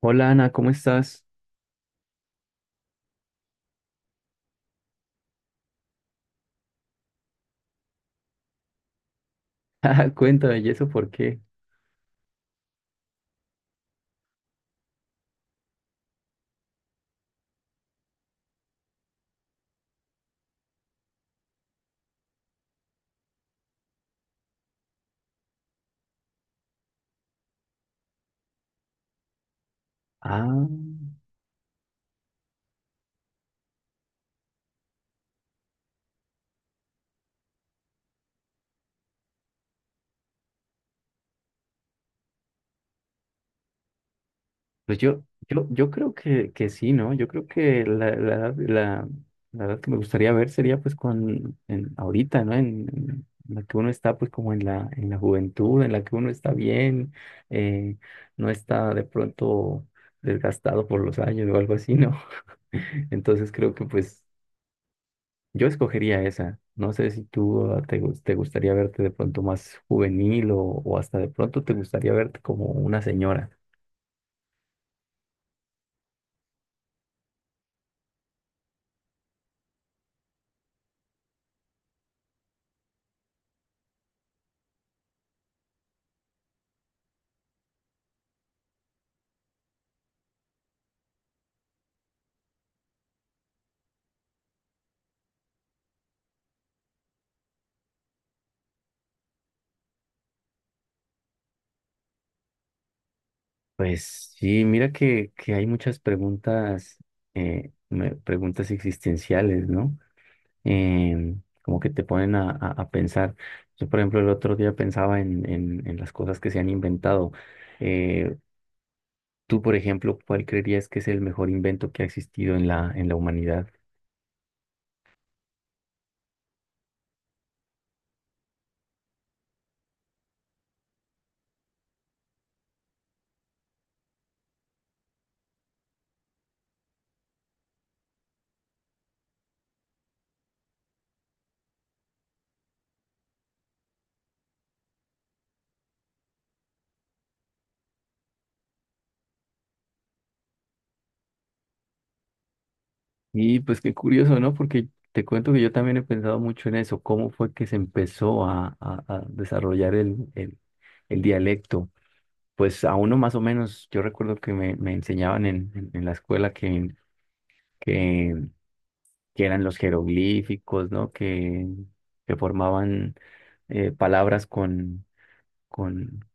Hola Ana, ¿cómo estás? Ah, cuéntame, ¿y eso por qué? Ah, pues yo, yo creo que sí, ¿no? Yo creo que la edad que me gustaría ver sería pues ahorita, ¿no? En la que uno está pues como en en la juventud, en la que uno está bien, eh, no está de pronto desgastado por los años o algo así, ¿no? Entonces creo que pues yo escogería esa. No sé si tú te gustaría verte de pronto más juvenil o hasta de pronto te gustaría verte como una señora. Pues sí, mira que hay muchas preguntas, preguntas existenciales, ¿no? Eh, Como que te a pensar. Yo, por ejemplo, el otro día pensaba en las cosas que se han inventado. Eh, Tú, por ejemplo, ¿cuál creerías que es el mejor invento que ha existido en en la humanidad? Y pues qué curioso, ¿no? Porque te cuento que yo también he pensado mucho en eso, cómo fue que se empezó a desarrollar el dialecto. Pues a uno más o menos, yo recuerdo que me enseñaban en la escuela que, que eran los jeroglíficos, ¿no? Que formaban palabras con,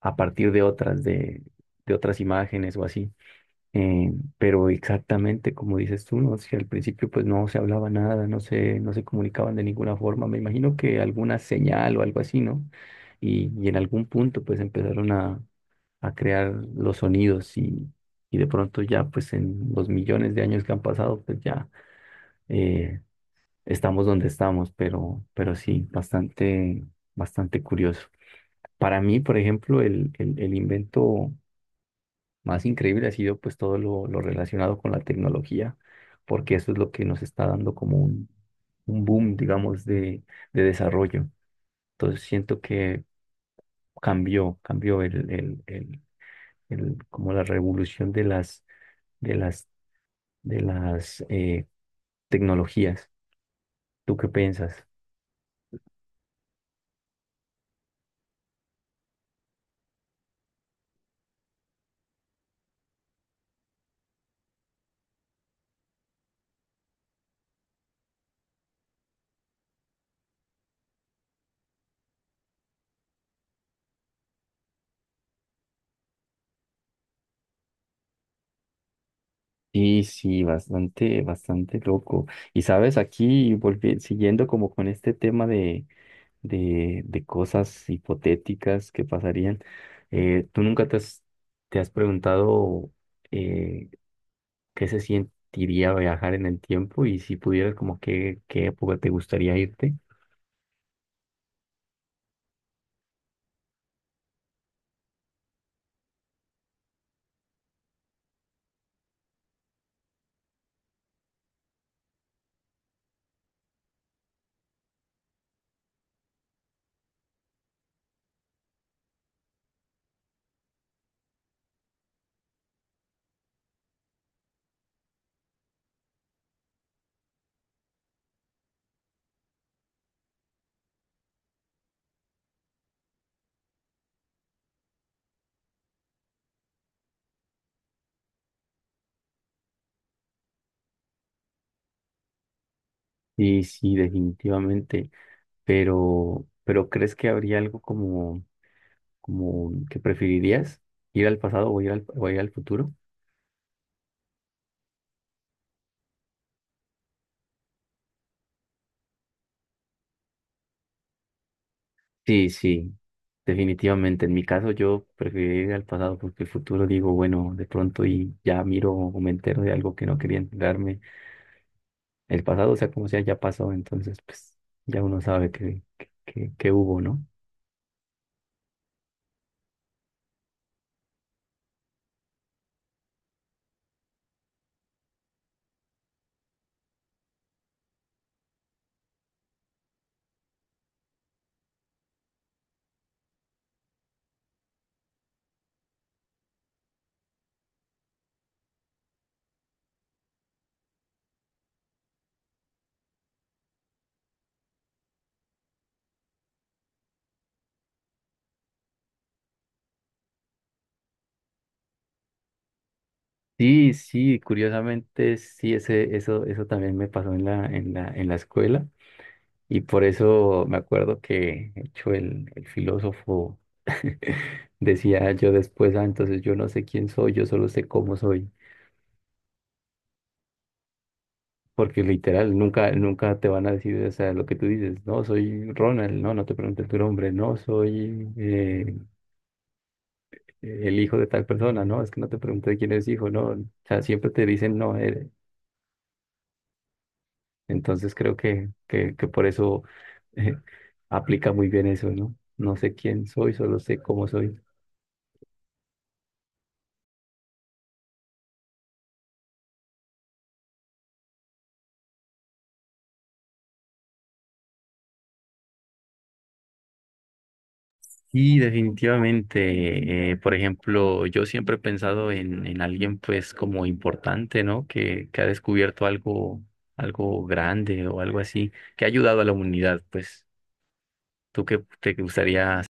a partir de de, otras imágenes o así. Eh, pero exactamente como dices tú, ¿no? Si al principio pues no se hablaba nada, no se comunicaban de ninguna forma, me imagino que alguna señal o algo así, ¿no? Y en algún punto pues a crear los sonidos y de pronto ya pues en los millones de años que han pasado pues ya eh, estamos donde estamos, pero sí, bastante, bastante curioso. Para mí, por ejemplo, el invento más increíble ha sido pues todo lo relacionado con la tecnología, porque eso es lo que nos está dando como un boom, digamos, de desarrollo. Entonces siento que cambió como la revolución de las, de las, de las tecnologías. ¿Tú qué piensas? Sí, sí, bastante, bastante loco. Y sabes, aquí siguiendo como con este tema de de cosas hipotéticas que pasarían. ¿Tú nunca te has preguntado eh, qué se sentiría viajar en el tiempo y si pudieras, como qué época te gustaría irte? Sí, sí, definitivamente, pero ¿crees que habría algo como, como que preferirías ir al pasado o ir al futuro? Sí, sí, definitivamente. En mi caso yo prefiero ir al pasado porque el futuro digo, bueno, de pronto y ya miro o me entero de algo que no quería enterarme. El pasado, o sea, como sea, ya pasó, entonces pues ya uno sabe que hubo, ¿no? Sí, sí, curiosamente sí, eso también me pasó en en la escuela y por eso me acuerdo que, de hecho, el filósofo decía yo después, ah, entonces yo no sé quién soy, yo solo sé cómo soy. Porque literal, nunca, nunca te van a decir, o sea, lo que tú dices, no, soy Ronald, no, no te preguntes tu nombre, no, soy el hijo de tal persona, no, es que no te pregunté quién es hijo, no, o sea, siempre te dicen no eres. Entonces creo que por eso eh, aplica muy bien eso, ¿no? No sé quién soy, solo sé cómo soy. Y definitivamente, por ejemplo, yo siempre he pensado en alguien pues como importante, ¿no? Que ha descubierto algo, algo grande o algo así, que ha ayudado a la humanidad, pues, ¿tú qué te gustaría?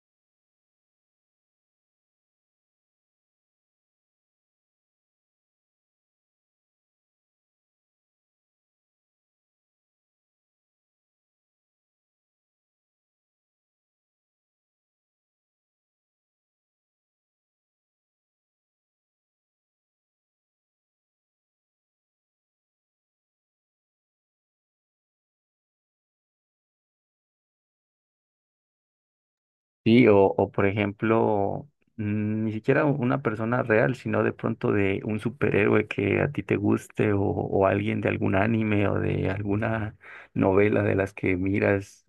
Sí, o por ejemplo, mm, ni siquiera una persona real, sino de pronto de un superhéroe que a ti te guste o alguien de algún anime o de alguna novela de las que miras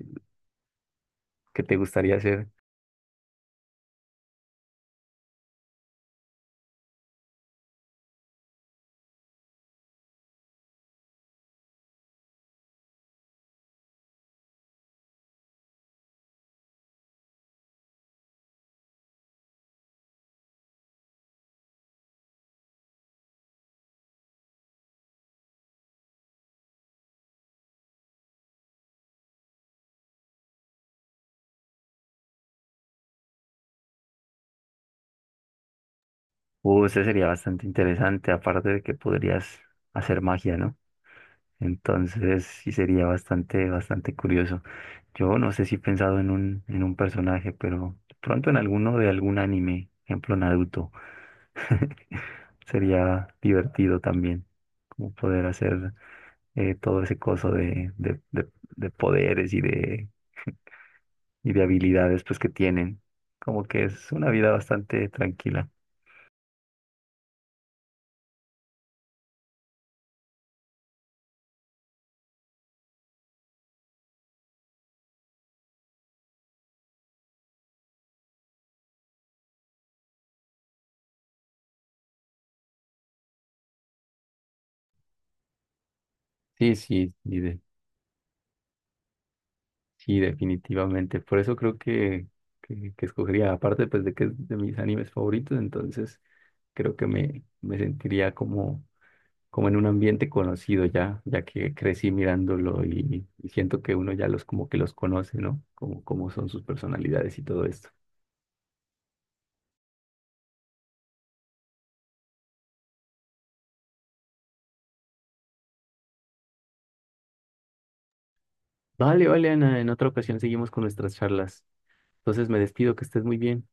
que te gustaría hacer. Ese sería bastante interesante, aparte de que podrías hacer magia, ¿no? Entonces sí sería bastante, bastante curioso. Yo no sé si he pensado en un personaje, pero de pronto en alguno de algún anime, ejemplo Naruto, sería divertido también, como poder hacer todo ese coso de poderes y y de habilidades pues que tienen. Como que es una vida bastante tranquila. Sí, sí, sí, definitivamente. Por eso creo que escogería, aparte pues de que es de mis animes favoritos, entonces creo que me sentiría como, como en un ambiente conocido ya, ya que crecí mirándolo y siento que uno ya los como que los conoce, ¿no? Como, como son sus personalidades y todo esto. Vale, vale, Ana, en otra ocasión seguimos con nuestras charlas. Entonces me despido, que estés muy bien.